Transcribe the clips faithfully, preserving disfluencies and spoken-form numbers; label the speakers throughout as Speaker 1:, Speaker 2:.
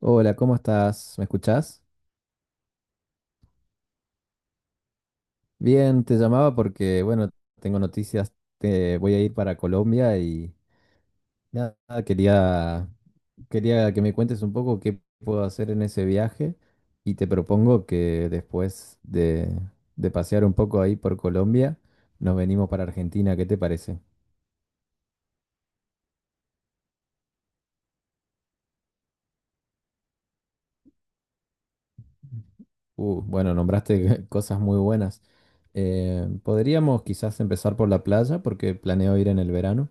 Speaker 1: Hola, ¿cómo estás? ¿Me escuchás? Bien, te llamaba porque, bueno, tengo noticias, te voy a ir para Colombia y nada, quería, quería que me cuentes un poco qué puedo hacer en ese viaje y te propongo que después de, de pasear un poco ahí por Colombia, nos venimos para Argentina, ¿qué te parece? Uh, bueno, nombraste cosas muy buenas. Eh, podríamos quizás empezar por la playa porque planeo ir en el verano.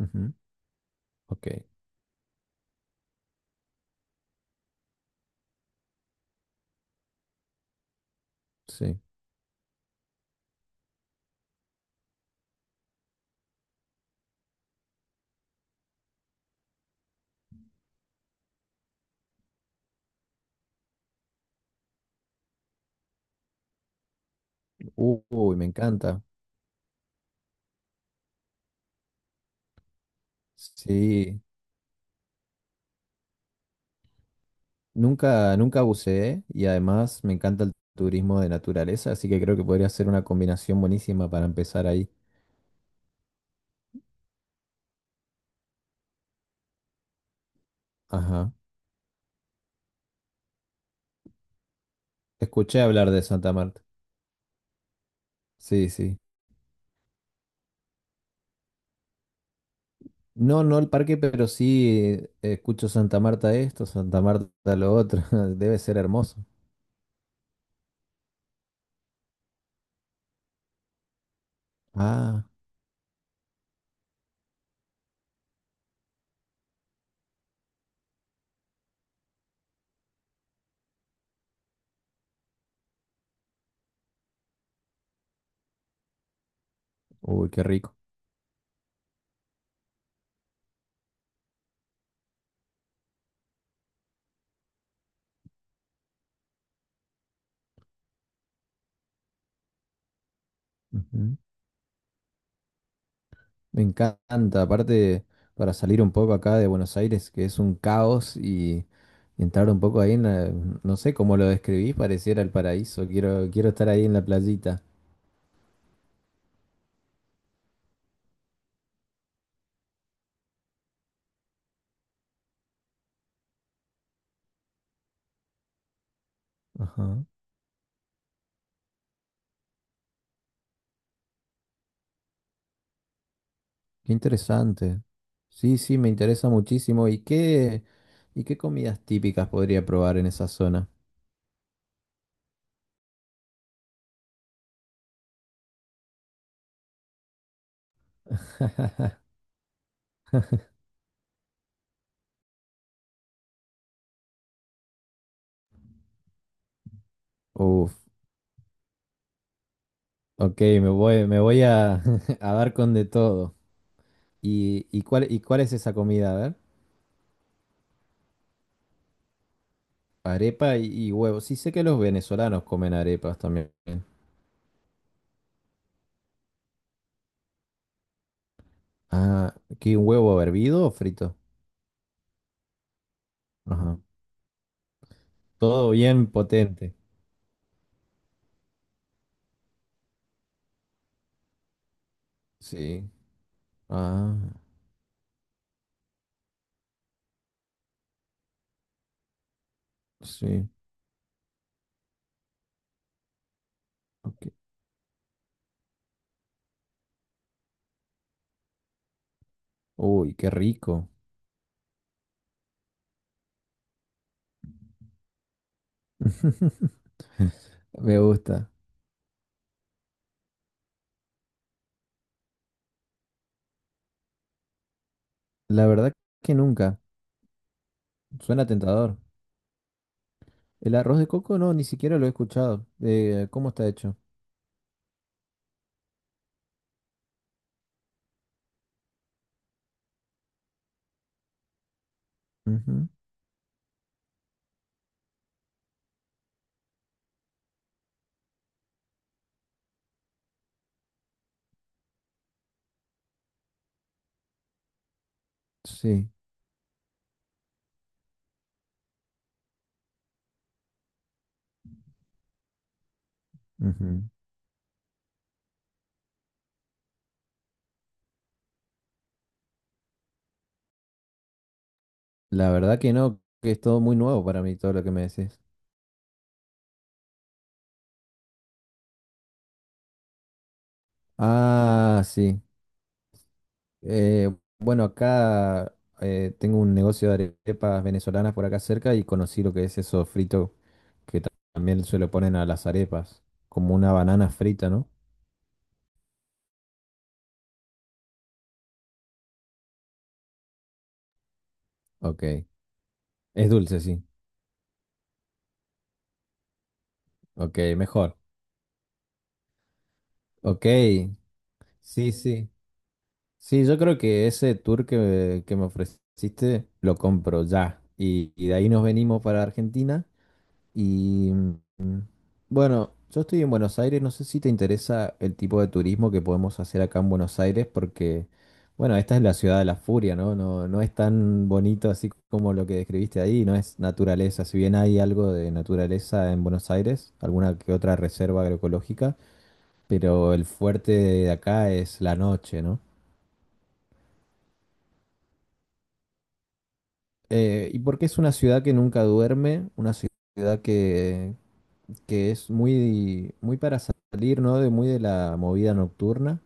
Speaker 1: Ujú. Ok, sí. Uy, me encanta. Sí, nunca, nunca buceé y además me encanta el turismo de naturaleza, así que creo que podría ser una combinación buenísima para empezar ahí. Ajá. Escuché hablar de Santa Marta. Sí, sí. No, no el parque, pero sí eh, escucho Santa Marta esto, Santa Marta lo otro. Debe ser hermoso. Ah, uy, qué rico. Me encanta, aparte para salir un poco acá de Buenos Aires, que es un caos, y entrar un poco ahí en la- no sé cómo lo describís, pareciera el paraíso. Quiero, quiero estar ahí en la playita. Ajá. Qué interesante. Sí, sí, me interesa muchísimo. ¿Y qué, y qué comidas típicas podría probar en esa zona? Uf, ok, me voy, me voy a, a dar con de todo. ¿Y, y cuál, y cuál es esa comida? A ver, arepa y, y huevos. Sí, sé que los venezolanos comen arepas también. Ah, ¿qué huevo hervido o frito? Ajá. Todo bien potente. Sí. Ah, sí. Ok. Uy, qué rico. Me gusta. La verdad que nunca. Suena tentador. El arroz de coco no, ni siquiera lo he escuchado. Eh, ¿cómo está hecho? Ujú. Sí. Ujú. La verdad que no, que es todo muy nuevo para mí, todo lo que me decís. Ah, sí. Eh, bueno, acá eh, tengo un negocio de arepas venezolanas por acá cerca y conocí lo que es eso frito que ta- también se lo ponen a las arepas, como una banana frita, ¿no? Ok. Es dulce, sí. Ok, mejor. Ok, sí, sí. Sí, yo creo que ese tour que, que me ofreciste lo compro ya. Y, y de ahí nos venimos para Argentina. Bueno, yo estoy en Buenos Aires, no sé si te interesa el tipo de turismo que podemos hacer acá en Buenos Aires, porque, bueno, esta es la ciudad de la furia, ¿no? No, no es tan bonito así como lo que describiste ahí, no es naturaleza, si bien hay algo de naturaleza en Buenos Aires, alguna que otra reserva agroecológica, pero el fuerte de acá es la noche, ¿no? Eh, y porque es una ciudad que nunca duerme, una ciudad que, que es muy, muy para salir, ¿no? De muy de la movida nocturna.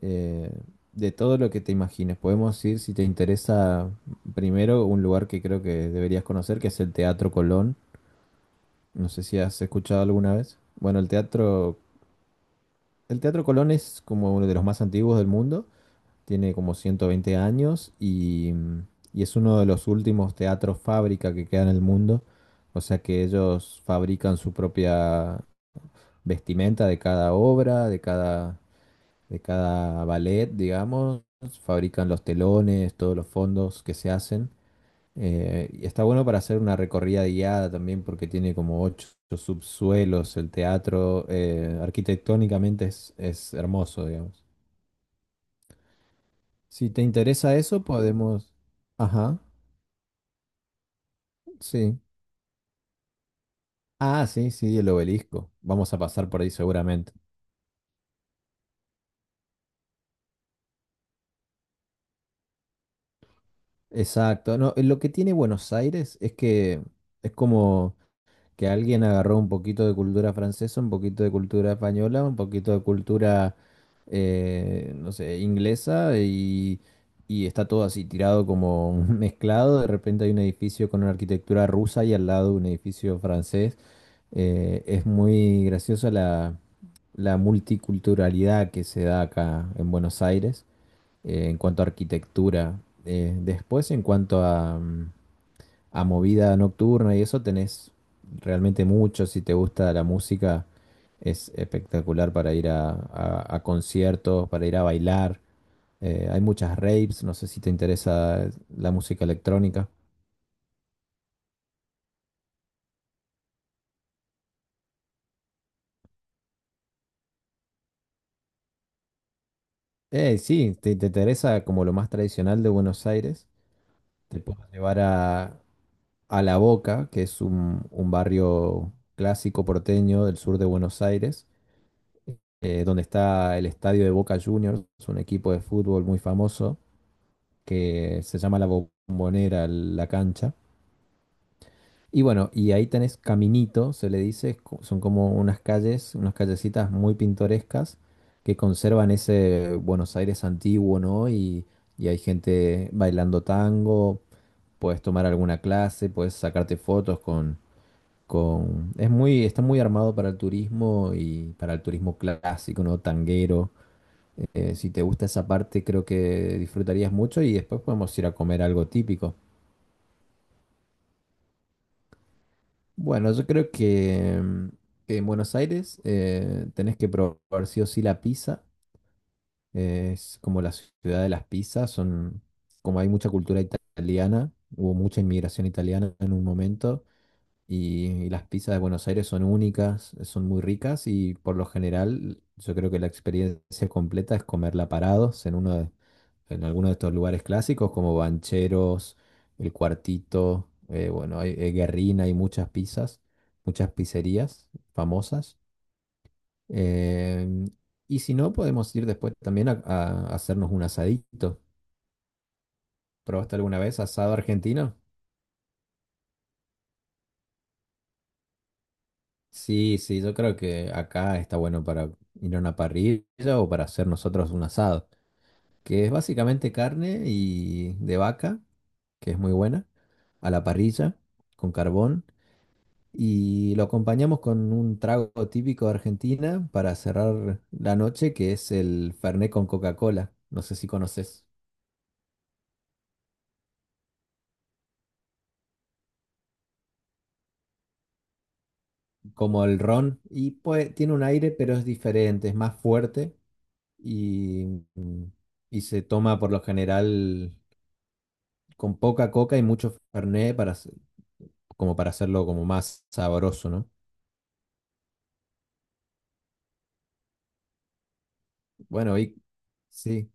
Speaker 1: eh, de todo lo que te imagines. Podemos ir, si te interesa, primero un lugar que creo que deberías conocer, que es el Teatro Colón. No sé si has escuchado alguna vez. Bueno, el Teatro, el Teatro Colón es como uno de los más antiguos del mundo. Tiene como ciento veinte años y, y es uno de los últimos teatros fábrica que queda en el mundo. O sea que ellos fabrican su propia vestimenta de cada obra, de cada de cada ballet, digamos, fabrican los telones, todos los fondos que se hacen. Eh, y está bueno para hacer una recorrida guiada también porque tiene como ocho subsuelos el teatro. Eh, arquitectónicamente es, es hermoso, digamos. Si te interesa eso, podemos... Ajá, sí. Ah, sí, sí, el obelisco. Vamos a pasar por ahí seguramente. Exacto. No, lo que tiene Buenos Aires es que es como... que alguien agarró un poquito de cultura francesa, un poquito de cultura española, un poquito de cultura, eh, no sé, inglesa y, y está todo así tirado como mezclado. De repente hay un edificio con una arquitectura rusa y al lado un edificio francés. Eh, es muy graciosa la, la multiculturalidad que se da acá en Buenos Aires eh, en cuanto a arquitectura. Eh, después, en cuanto a, mm, a movida nocturna y eso tenés realmente mucho. Si te gusta la música, es espectacular para ir a, a- a conciertos, para ir a bailar. Eh, hay muchas raves, no sé si te interesa la música electrónica. Eh, sí, te, te interesa como lo más tradicional de Buenos Aires. Te puedo llevar a, a La Boca, que es un, un barrio clásico porteño del sur de Buenos Aires, eh, donde está el estadio de Boca Juniors, un equipo de fútbol muy famoso. Que se llama la bombonera, la cancha. Y bueno, y ahí tenés Caminito, se le dice, es co- son como unas calles, unas callecitas muy pintorescas que conservan ese Buenos Aires antiguo, ¿no? Y, y hay gente bailando tango, puedes tomar alguna clase, puedes sacarte fotos con, con... Es muy, está muy armado para el turismo y para el turismo clásico, ¿no? Tanguero. Eh, si te gusta esa parte, creo que disfrutarías mucho y después podemos ir a comer algo típico. Bueno, yo creo que, mm, que en Buenos Aires eh, tenés que probar sí o sí la pizza. Eh, es como la ciudad de las pizzas. Son, como hay mucha cultura italiana, hubo mucha inmigración italiana en un momento. Y, y las pizzas de Buenos Aires son únicas, son muy ricas y por lo general yo creo que la experiencia completa es comerla parados en uno de, en alguno de estos lugares clásicos como Bancheros, El Cuartito, eh, bueno, hay, eh, Guerrina, hay muchas pizzas, muchas pizzerías famosas. Em, y si no, podemos ir después también a, a hacernos un asadito. ¿Probaste alguna vez asado argentino? Sí, sí, yo creo que acá está bueno para ir a una parrilla o para hacer nosotros un asado, que es básicamente carne y de vaca, que es muy buena, a la parrilla, con carbón, y lo acompañamos con un trago típico de Argentina para cerrar la noche, que es el Fernet con Coca-Cola. No sé si conoces, como el ron, y pues tiene un aire, pero es diferente, es más fuerte y, y se toma por lo general. Con poca coca y mucho fernet para, hacer- como para hacerlo como más sabroso, ¿no? Bueno, y sí,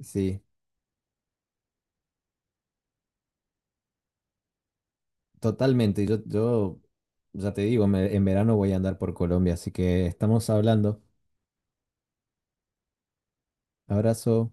Speaker 1: sí, totalmente. Yo, yo ya te digo, me- en verano voy a andar por Colombia, así que estamos hablando. Abrazo.